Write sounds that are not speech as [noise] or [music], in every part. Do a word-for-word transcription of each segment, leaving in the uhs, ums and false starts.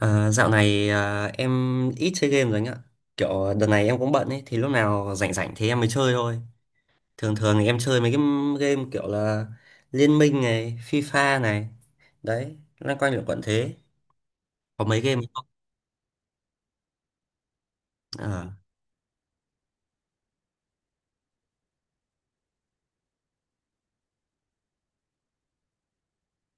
À, dạo này à, em ít chơi game rồi anh ạ. Kiểu đợt này em cũng bận ấy, thì lúc nào rảnh rảnh thì em mới chơi thôi. Thường thường thì em chơi mấy cái m- game kiểu là Liên Minh này, FIFA này. Đấy, loanh quanh là quận thế. Có mấy game không? Ờ.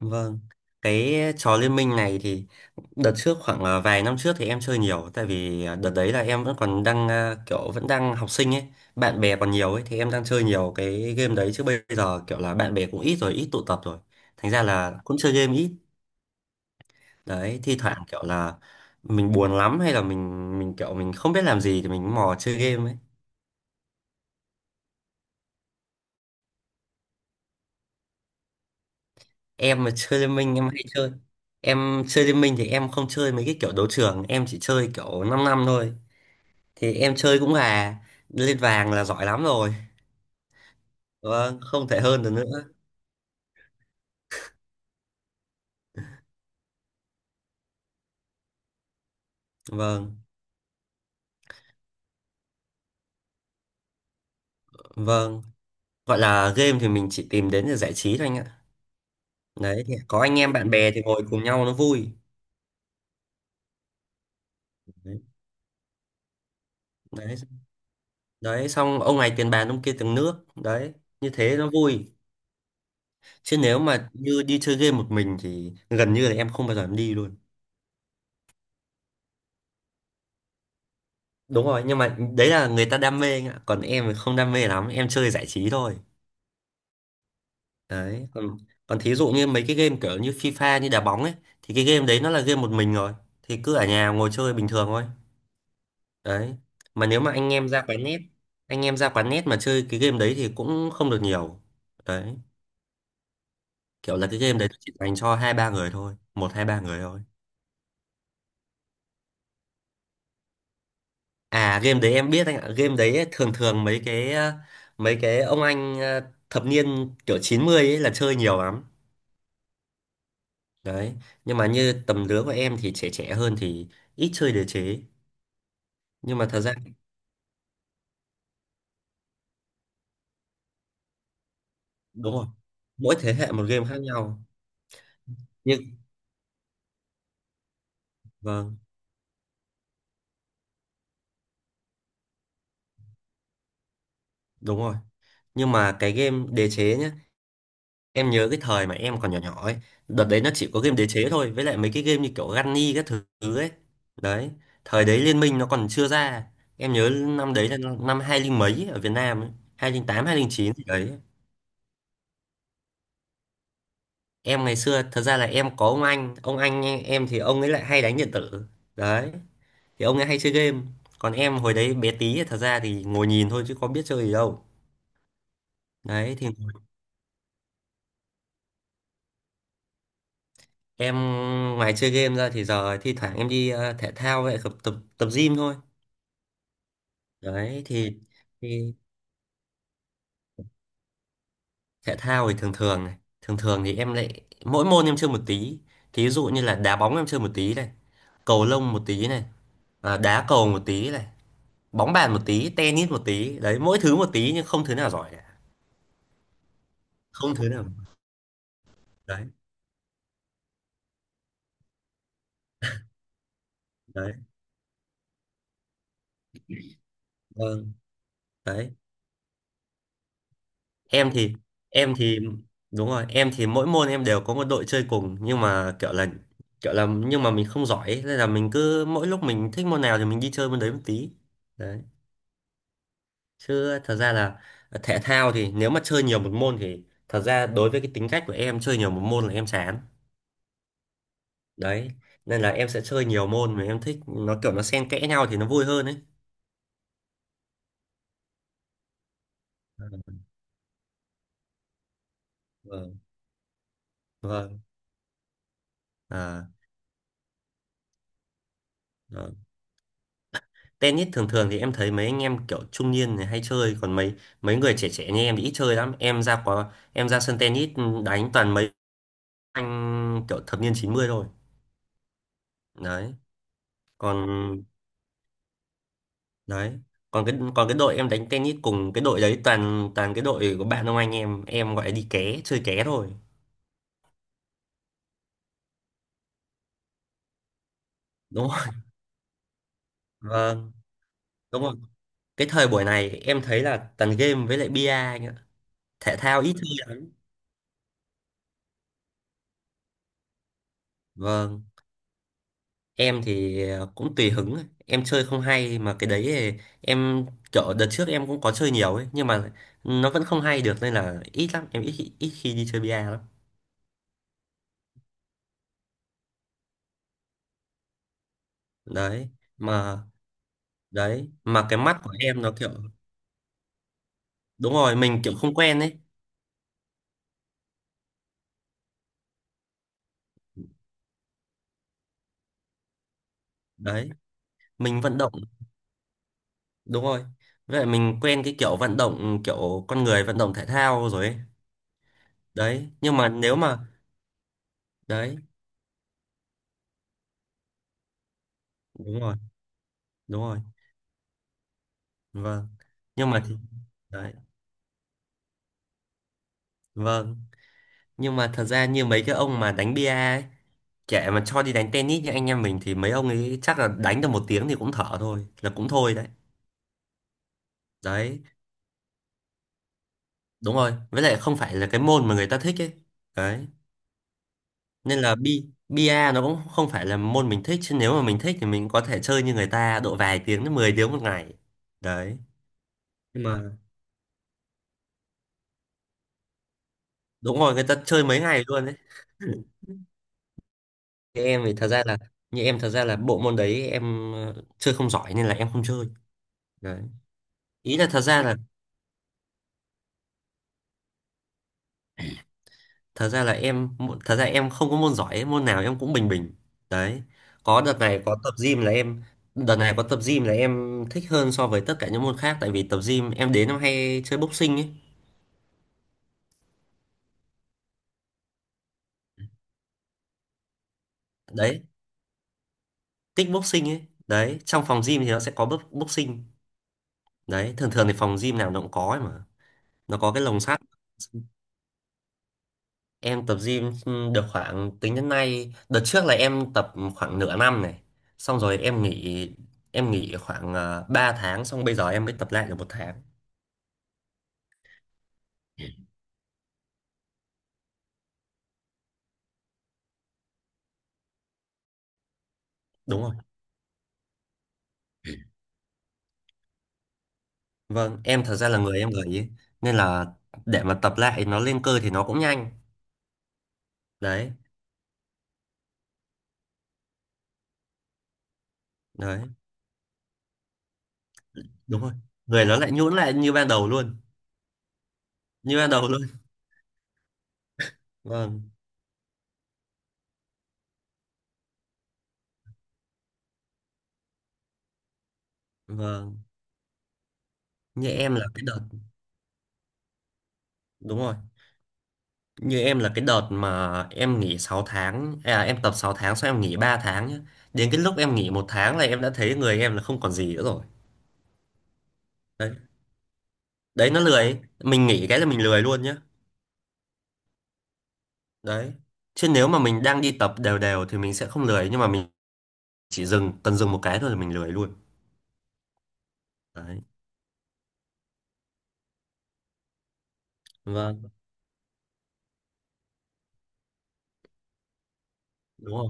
Vâng, cái trò liên minh này thì đợt trước khoảng à, vài năm trước thì em chơi nhiều tại vì à, đợt đấy là em vẫn còn đang à, kiểu vẫn đang học sinh ấy, bạn bè còn nhiều ấy thì em đang chơi nhiều cái game đấy chứ bây giờ kiểu là bạn bè cũng ít rồi, ít tụ tập rồi. Thành ra là cũng chơi game ít. Đấy, thi thoảng kiểu là mình buồn lắm hay là mình mình kiểu mình không biết làm gì thì mình mò chơi game ấy. Em mà chơi liên minh em hay chơi. Em chơi liên minh thì em không chơi mấy cái kiểu đấu trường, em chỉ chơi kiểu 5 năm năm thôi. Thì em chơi cũng là lên vàng là giỏi lắm rồi, vâng không thể hơn được nữa. Vâng, vâng, gọi là game thì mình chỉ tìm đến để giải trí thôi anh ạ. Đấy thì có anh em bạn bè thì ngồi cùng nhau nó vui. Đấy, đấy, đấy xong ông này tiền bàn ông kia tiền nước đấy, như thế nó vui, chứ nếu mà như đi chơi game một mình thì gần như là em không bao giờ em đi luôn. Đúng rồi, nhưng mà đấy là người ta đam mê anh ạ, còn em thì không đam mê lắm, em chơi giải trí thôi. Đấy, còn còn thí dụ như mấy cái game kiểu như FIFA như đá bóng ấy, thì cái game đấy nó là game một mình rồi, thì cứ ở nhà ngồi chơi bình thường thôi. Đấy, mà nếu mà anh em ra quán net, anh em ra quán net mà chơi cái game đấy thì cũng không được nhiều. Đấy, kiểu là cái game đấy chỉ dành cho hai ba người thôi, một hai ba người thôi. À, game đấy em biết anh ạ, game đấy ấy, thường thường mấy cái ờ, mấy cái ông anh ờ, thập niên kiểu chín mươi ấy là chơi nhiều lắm. Đấy, nhưng mà như tầm lứa của em thì trẻ trẻ hơn thì ít chơi đề chế, nhưng mà thật ra đúng rồi, mỗi thế hệ một game khác nhau. Nhưng vâng, đúng rồi, nhưng mà cái game đế chế nhá, em nhớ cái thời mà em còn nhỏ nhỏ ấy, đợt đấy nó chỉ có game đế chế thôi với lại mấy cái game như kiểu Gunny các thứ ấy. Đấy, thời đấy Liên Minh nó còn chưa ra, em nhớ năm đấy là năm hai linh mấy ở Việt Nam ấy, hai linh tám hai linh chín gì đấy. Em ngày xưa thật ra là em có ông anh, ông anh em thì ông ấy lại hay đánh điện tử. Đấy, thì ông ấy hay chơi game, còn em hồi đấy bé tí thật ra thì ngồi nhìn thôi chứ có biết chơi gì đâu. Đấy thì em ngoài chơi game ra thì giờ thi thoảng em đi ờ, thể thao vậy, tập tập tập gym thôi. Đấy thì, thì thể thao thì thường thường này, thường thường thì em lại mỗi môn em chơi một tí. Thí dụ như là đá bóng em chơi một tí này, cầu lông một tí này, à, đá cầu một tí này, bóng bàn một tí, tennis một tí. Đấy, mỗi thứ một tí nhưng không thứ nào giỏi cả. Không thứ nào. Đấy, đấy. Vâng, đấy. em thì em thì đúng rồi, em thì mỗi môn em đều có một đội chơi cùng nhưng mà kiểu là kiểu là nhưng mà mình không giỏi ấy, nên là mình cứ mỗi lúc mình thích môn nào thì mình đi chơi môn đấy một tí. Đấy, chứ thật ra là ờ, thể thao thì nếu mà chơi nhiều một môn thì thật ra đối với cái tính cách của em chơi nhiều một môn là em chán. Đấy, nên là em sẽ chơi nhiều môn mà em thích nó kiểu nó xen kẽ nhau thì nó vui hơn ấy. Ừ, vâng, vâng, à, tennis thường thường thì em thấy mấy anh em kiểu trung niên thì hay chơi, còn mấy mấy người trẻ trẻ như em thì ít chơi lắm, em ra có em ra sân tennis đánh toàn mấy anh kiểu thập niên chín mươi thôi. Đấy, còn đấy còn cái còn cái đội em đánh tennis cùng, cái đội đấy toàn toàn cái đội của bạn ông anh em em gọi là đi ké chơi ké thôi. Đúng không? [laughs] Vâng, đúng rồi, cái thời buổi này em thấy là toàn game với lại bia anh ạ, thể thao ít chơi lắm. Vâng. Em thì ờ, cũng tùy hứng ấy, em chơi không hay mà cái đấy thì em kiểu đợt trước em cũng có chơi nhiều ấy nhưng mà nó vẫn không hay được nên là ít lắm, em ít khi- ít khi đi chơi bia lắm. Đấy mà, đấy mà cái mắt của em nó kiểu đúng rồi, mình kiểu không quen ấy. Đấy, mình vận động đúng rồi, vậy mình quen cái kiểu vận động, kiểu con người vận động thể thao rồi ấy. Đấy nhưng mà nếu mà đấy đúng rồi, đúng rồi, vâng, nhưng mà thì đấy vâng, nhưng mà thật ra như mấy cái ông mà đánh bia ấy, kệ mà cho đi đánh tennis như anh em mình thì mấy ông ấy chắc là đánh được một tiếng thì cũng thở thôi là cũng thôi đấy. Đấy đúng rồi, với lại không phải là cái môn mà người ta thích ấy. Đấy nên là bi bia nó cũng không phải là môn mình thích, chứ nếu mà mình thích thì mình có thể chơi như người ta độ vài tiếng đến mười tiếng một ngày. Đấy nhưng mà đúng rồi, người ta chơi mấy ngày luôn đấy. [laughs] Thế em thì thật ra là, như em thật ra là bộ môn đấy em ờ, chơi không giỏi nên là em không chơi. Đấy, ý là thật ra là, thật ra là em, thật ra em không có môn giỏi ấy, môn nào em cũng bình bình. Đấy, có đợt này có tập gym là em, đợt này có tập gym là em thích hơn so với tất cả những môn khác, tại vì tập gym em đến em hay chơi boxing ấy. Đấy tích boxing ấy, đấy trong phòng gym thì nó sẽ có box- boxing. Đấy, thường thường thì phòng gym nào nó cũng có ấy mà, nó có cái lồng sắt. Em tập gym ừ, được khoảng tính đến nay, đợt trước là em tập khoảng nửa năm này, xong rồi em nghỉ, em nghỉ khoảng uh, ba tháng, xong bây giờ em mới tập lại được một tháng. Đúng rồi. Vâng, em thật ra là người em gầy ấy. Nên là để mà tập lại nó lên cơ thì nó cũng nhanh. Đấy, đấy, đúng rồi. Người nó lại nhũn lại như ban đầu luôn. Như ban đầu luôn. Vâng, vâng. Như em là cái đợt, đúng rồi, như em là cái đợt mà em nghỉ sáu tháng, à, em tập sáu tháng xong em nghỉ ba tháng nhá. Đến cái lúc em nghỉ một tháng là em đã thấy người em là không còn gì nữa rồi. Đấy, đấy nó lười ấy. Mình nghỉ cái là mình lười luôn nhá. Đấy. Chứ nếu mà mình đang đi tập đều đều thì mình sẽ không lười, nhưng mà mình chỉ dừng cần dừng một cái thôi là mình lười luôn. Đấy, vâng đúng rồi.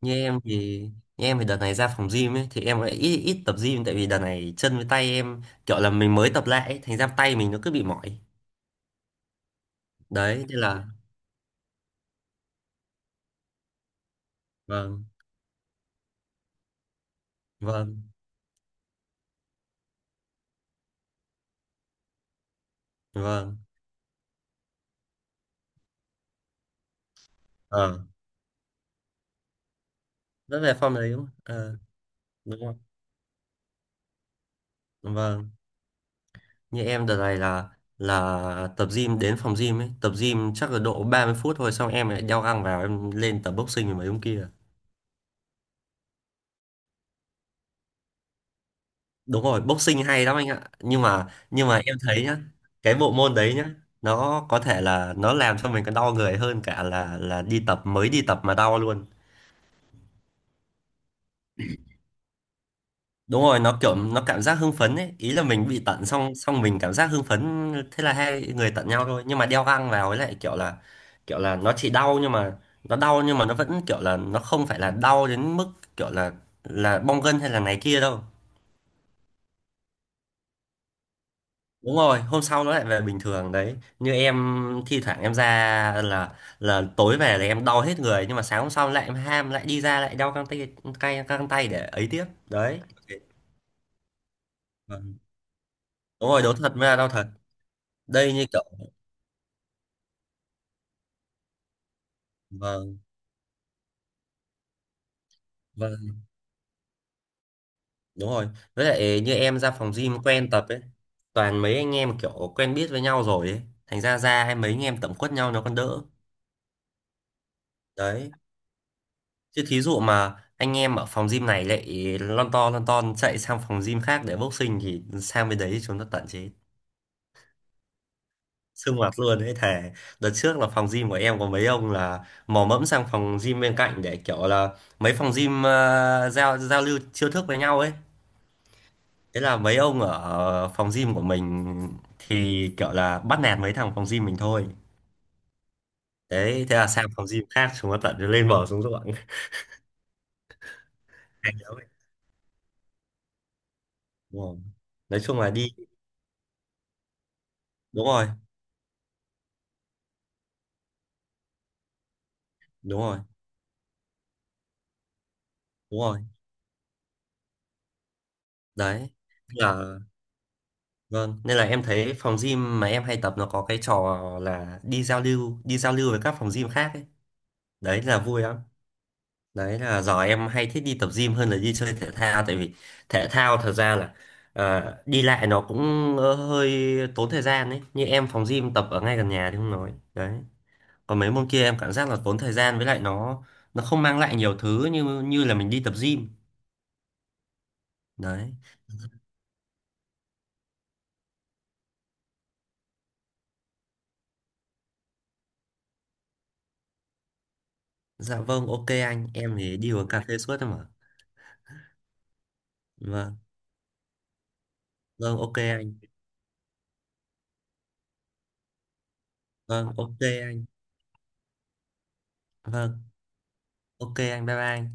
Như em thì như em thì đợt này ra phòng gym ấy thì em lại ít ít tập gym, tại vì đợt này chân với tay em kiểu là mình mới tập lại ấy, thành ra tay mình nó cứ bị mỏi. Đấy nên là vâng, vâng, vâng, ờ rất về form đấy đúng không? Ờ đúng không? Vâng, như em đợt này là là tập gym, đến phòng gym ấy tập gym chắc là độ ba mươi phút thôi, xong em lại đeo găng vào em lên tập boxing với mấy ông kia. Đúng rồi, boxing hay lắm anh ạ, nhưng mà nhưng mà em thấy nhá, cái bộ môn đấy nhá, nó có thể là nó làm cho mình còn đau người hơn cả là là đi tập, mới đi tập mà đau luôn. Đúng rồi, nó kiểu nó cảm giác hưng phấn ấy, ý là mình bị tận xong xong mình cảm giác hưng phấn. Thế là hai người tận nhau thôi, nhưng mà đeo găng vào ấy lại kiểu là kiểu là nó chỉ đau, nhưng mà nó đau nhưng mà nó vẫn kiểu là nó không phải là đau đến mức kiểu là là bong gân hay là này kia đâu. Đúng rồi, hôm sau nó lại về bình thường. Đấy như em thi thoảng em ra là là tối về là em đau hết người, nhưng mà sáng hôm sau lại em ham lại đi ra lại đau căng tay, cay căng tay để ấy tiếp đấy. Vâng. Đúng rồi đau thật mới là đau thật. Đây như kiểu vâng, vâng đúng rồi, với lại như em ra phòng gym quen tập ấy, toàn mấy anh em kiểu quen biết với nhau rồi ấy, thành ra ra hay mấy anh em tẩm quất nhau nó còn đỡ. Đấy chứ thí dụ mà anh em ở phòng gym này lại lon to lon ton chạy sang phòng gym khác để boxing thì sang bên đấy chúng nó tận chế, sương mặt luôn ấy thề. Đợt trước là phòng gym của em có mấy ông là mò mẫm sang phòng gym bên cạnh để kiểu là mấy phòng gym ờ, giao giao lưu chiêu thức với nhau ấy, thế là mấy ông ở phòng gym của mình thì kiểu là bắt nạt mấy thằng phòng gym mình thôi. Đấy thế là sang phòng gym khác chúng nó tận lên bờ xuống ruộng. [laughs] Hay lắm ấy. Đúng rồi, nói chung là đi đúng rồi, đúng rồi, đúng rồi. Đấy tức là vâng, nên là em thấy phòng gym mà em hay tập nó có cái trò là đi giao lưu, đi giao lưu với các phòng gym khác ấy. Đấy là vui lắm. Đấy là giờ em hay thích đi tập gym hơn là đi chơi thể thao, tại vì thể thao thật ra là ờ, đi lại nó cũng ờ, hơi tốn thời gian ấy, như em phòng gym tập ở ngay gần nhà thì không nói. Đấy còn mấy môn kia em cảm giác là tốn thời gian, với lại nó nó không mang lại nhiều thứ như như là mình đi tập gym. Đấy, dạ vâng, ok anh, em thì đi uống cà phê suốt thôi mà. Vâng. Vâng, ok anh. Vâng, ok anh. Vâng, ok anh. Bye bye anh.